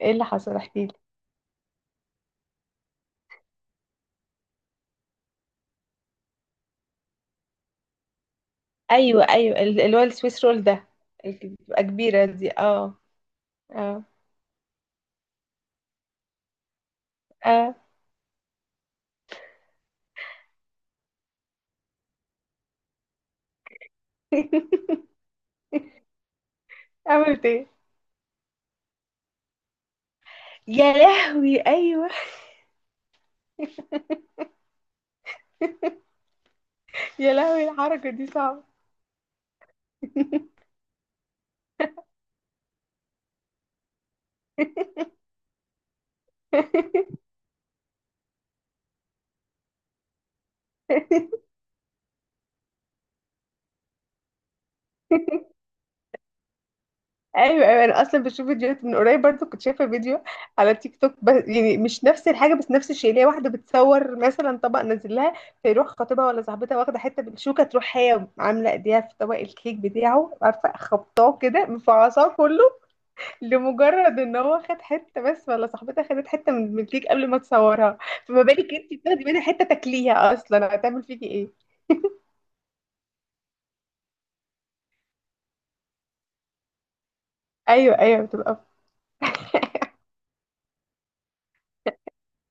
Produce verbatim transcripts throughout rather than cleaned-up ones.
ايه اللي حصل؟ احكي لي. ايوه، ايوه، ال- اللي هو السويس رول ده. اللي بتبقى كبيره دي، اه. اه. اه. عملت ايه؟ يا لهوي، ايوه. يا لهوي، الحركه دي صعبه. ايوه، ايوه، انا اصلا بشوف فيديوهات من قريب برضو، كنت شايفه فيديو على تيك توك، بس يعني مش نفس الحاجه، بس نفس الشيء، اللي هي واحده بتصور مثلا طبق نازل لها، فيروح خطيبها ولا صاحبتها واخده حته بالشوكه، تروح هي عامله ايديها في طبق الكيك بتاعه، عارفه، خبطاه كده، مفعصاه كله، لمجرد ان هو خد حته بس، ولا صاحبتها خدت حته من من الكيك قبل ما تصورها. فما بالك انت بتاخدي منها حته تاكليها؟ اصلا هتعمل فيكي ايه؟ ايوه، ايوه، بتبقى.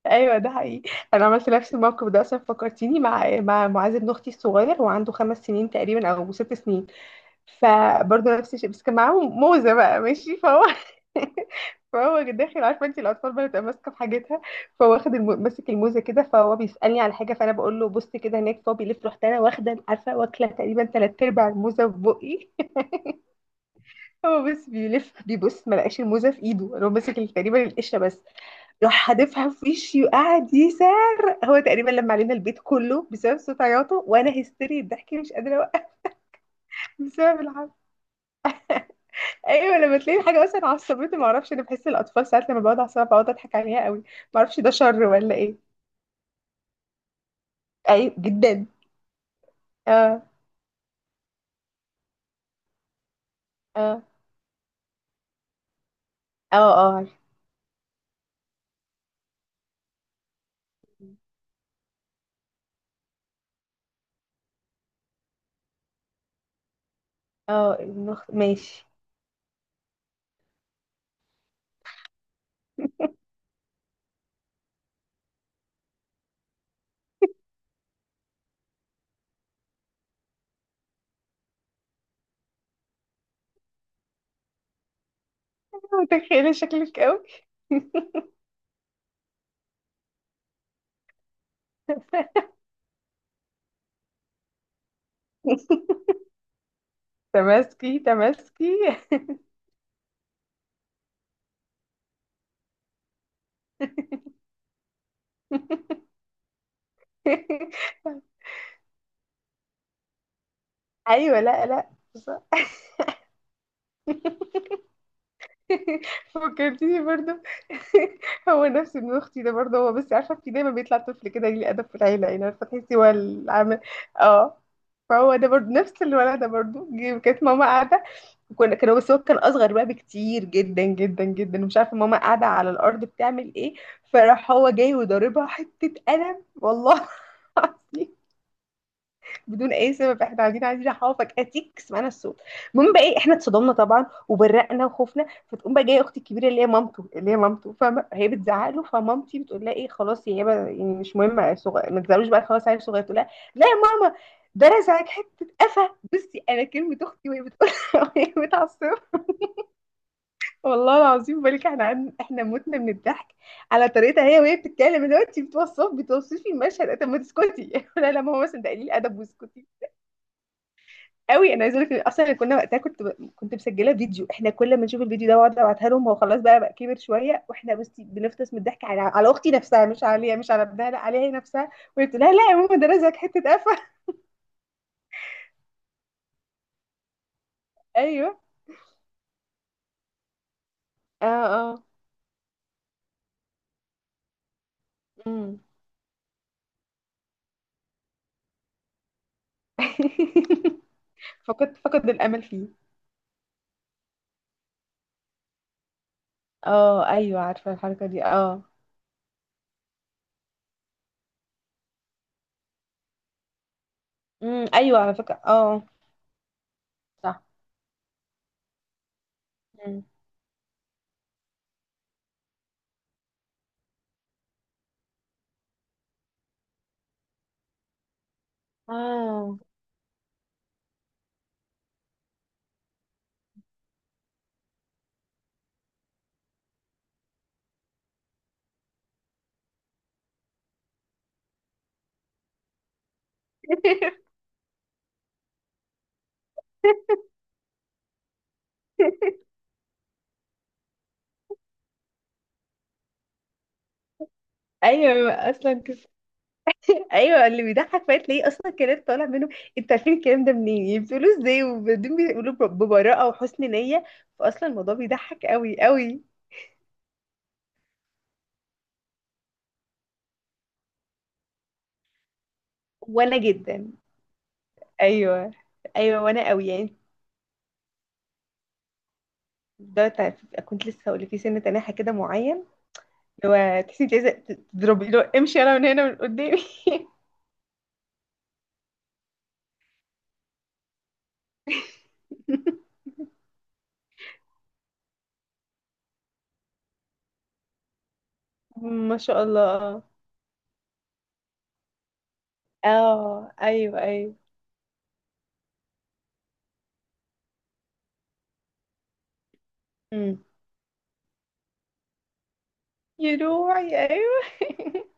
ايوه، ده حقيقي، انا عملت نفس الموقف ده اصلا، فكرتيني مع مع معاذ ابن اختي الصغير. هو عنده خمس سنين تقريبا او ست سنين. فبرضه نفس الشيء، بس كان معاهم موزة بقى. ماشي، فهو فهو داخل، عارفه انت الاطفال بقى بتبقى ماسكه في حاجتها. فهو واخد الم... ماسك الموزه كده، فهو بيسالني على حاجه، فانا بقول له بص كده هناك. فهو بيلف، رحت انا واخده، عارفه، واكله تقريبا تلات ارباع الموزه في بقي. هو بس بيلف، بيبص، ما لقاش الموزه في ايده، هو ماسك تقريبا القشره بس. راح حادفها في وشي وقعد يسار. هو تقريبا لما علينا البيت كله بسبب صوت عياطه، وانا هستيري الضحك مش قادره اوقف. بسبب العمل. ايوه، لما تلاقي حاجه مثلا عصبتني ما اعرفش، انا بحس الاطفال ساعات لما بقعد اعصب بقعد اضحك عليها قوي. ما اعرفش ده شر ولا ايه. ايوه جدا. اه. اه. اه. اه. عارفة. اه، المخ... ماشي. متخيله شكلك قوي. تماسكي، تماسكي. ايوه، لا لا. صح. فكرتيني برضه. هو نفس ابن اختي ده برضه، هو بس عارفه في دايما بيطلع طفل كده ليه ادب في العيله، يعني عارفه تحسي هو العام. اه. فهو ده برضه نفس الولد ده برضه جه- كانت ماما قاعده. وكنا كانوا، بس هو كان اصغر بقى بكتير، جدا جدا جدا. ومش عارفه ماما قاعده على الارض بتعمل ايه. فراح هو جاي وضاربها حته قلم والله. العظيم. بدون اي سبب، احنا قاعدين عايزين احافظك اتيك، سمعنا الصوت. المهم بقى ايه، احنا اتصدمنا طبعا وبرقنا وخفنا. فتقوم بقى جايه اختي الكبيره اللي هي مامته اللي هي مامته، فاهمه، هي بتزعق له. فمامتي بتقول لها ايه، خلاص يا هبه، يعني مش مهم، صغير، ما تزعلوش بقى، خلاص عيل صغير. تقول لها: لا يا ماما، ده رزعك حته قفا. بصي انا كلمه اختي وهي بتقول وهي متعصبه. والله العظيم بالك احنا قعدنا- احنا متنا من الضحك على طريقتها هي وهي بتتكلم، اللي هو انت بتوصف، بتوصفي المشهد، طب ما تسكتي؟ لا لا ماما، مثلا ده قليل ادب، واسكتي قوي. انا عايزه اقول لك اصلا، كنا وقتها كنت ب... كنت مسجله فيديو. احنا كل ما نشوف الفيديو ده واقعد ابعتها لهم، هو خلاص بقى بقى كبر شويه، واحنا بس بنفطس من الضحك على... على اختي نفسها، مش عليها، مش على ابنها، لا، عليها هي نفسها. وقلت لها لا يا ماما، ده رزقك حته قفا. ايوه. اه. اه. امم. فقد فقد الامل فيه. اه، ايوه، عارفه الحركه دي، اه. امم، ايوه على فكره، اه. صح. امم. اه. ايوه اصلا. ايوه، اللي بيضحك فات تلاقيه اصلا الكلام طالع منه. انتوا عارفين الكلام ده منين؟ يعني بتقولوه ازاي؟ وبعدين بيقولوا ب- ببراءه وحسن نيه. فاصلا الموضوع بيضحك قوي قوي. وانا جدا. ايوه، ايوه وانا قوي يعني. ده تعرف- كنت لسه هقول لك في سن تناحه كده معين، اللي هو تحسي انت عايزه تضربي لو امشي انا من هنا من قدامي. ما شاء الله. اه. ايوه. ايوه. امم. يا روحي، ايوه.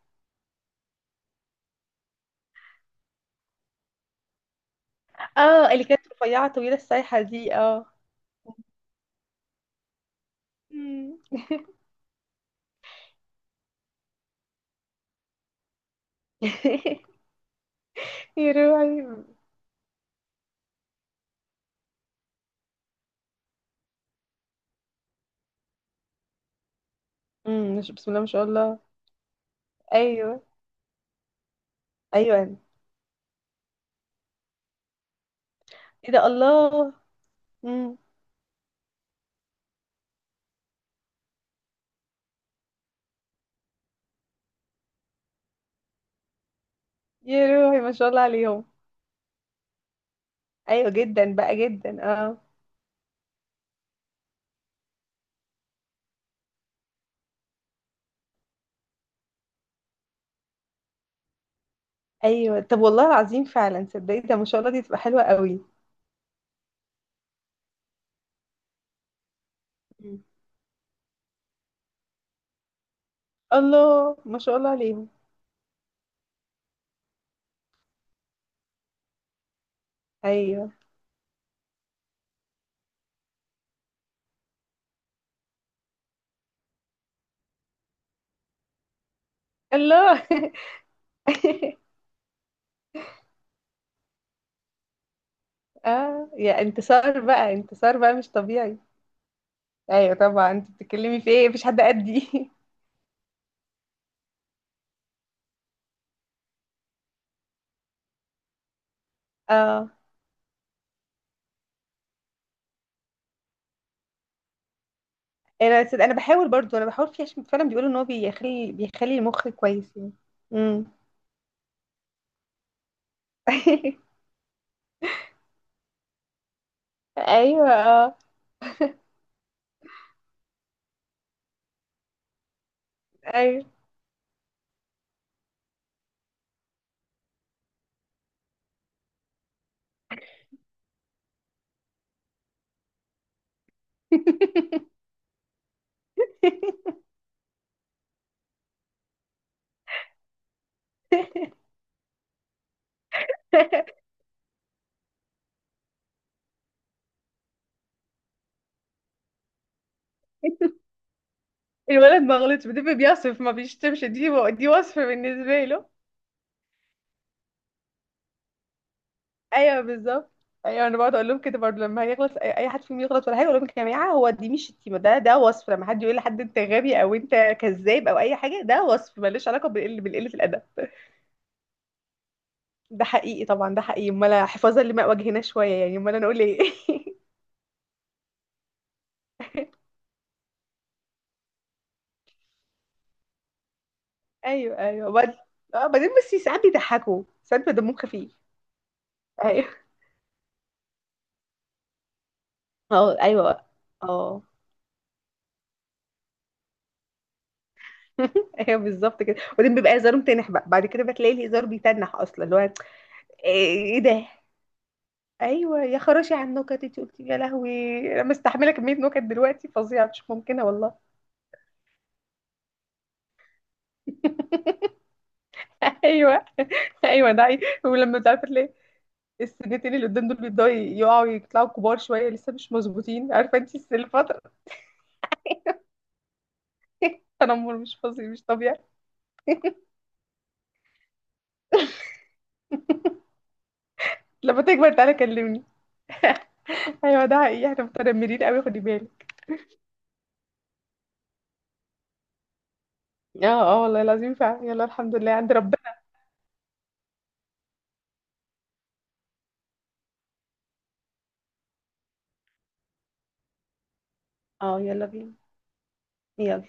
اه، اللي كانت رفيعه طويله السايحه دي، اه. مم. يا روعي. امم مش بسم الله ما شاء الله. ايوه. ايوه، انا. ايه ده، الله. امم. يا روحي، ما شاء الله عليهم. ايوه جدا بقى، جدا، اه. ايوه طب، والله العظيم فعلا، تصدقي ده ما شاء الله دي تبقى حلوه قوي. مم. الله، ما شاء الله عليهم. ايوه. الله. اه، يا انتصار بقى، انتصار بقى مش طبيعي. ايوه طبعا، انت بتتكلمي في ايه، مفيش حد قدي. اه، انا صدق، انا بحاول برضو، انا بحاول فيه عشان فعلا بيقولوا ان هو بيخلي بيخلي المخ كويس يعني. امم. ايوه. اه. ايوه. الولد ما غلطش، بتبقى بيصف ما بيشتمش، دي دي وصف بالنسبه له. ايوه بالظبط. ايوه، انا بقعد اقول لهم كده برضه، لما يغلط اي أي حد فيهم يغلط ولا حاجه، اقول لهم يا جماعه هو دي مش شتيمه، ده ده وصف. لما حد يقول لحد انت غبي او انت كذاب او اي حاجه، ده وصف ملوش علاقه بقل بالقله الادب. ده حقيقي طبعا، ده حقيقي، امال حفاظا لما وجهنا شويه يعني، امال انا اقول ايه؟ ايوه. ايوه وبعد- اه بعدين بس ساعات بيضحكوا، ساعات بيبقى دمهم خفيف. ايوه. اه. ايوه. اه. ايوه بالظبط كده، وبعدين بيبقى هزارهم تنح بقى بعد كده، بتلاقي الهزار بيتنح اصلا، اللي هو ايه ده؟ ايوه، يا خراشي على النكت انت قلتي، يا لهوي! انا مستحمله كميه نكت دلوقتي فظيعه، مش ممكنه والله. ايوه. ايوه ده حقيقي. ولما مش عارفه تلاقي السنتين اللي قدام دول بيبداوا يقعوا يطلعوا كبار شويه، لسه مش مظبوطين، عارفه انت الفتره. التنمر مش فظيع، مش طبيعي. لما تكبر تعالى كلمني. ايوه، ده حقيقي، احنا متنمرين قوي، خدي بالك. اه. اه والله العظيم فعلا. يلا، الحمد لله عند ربنا. اه، يلا بينا. يلا.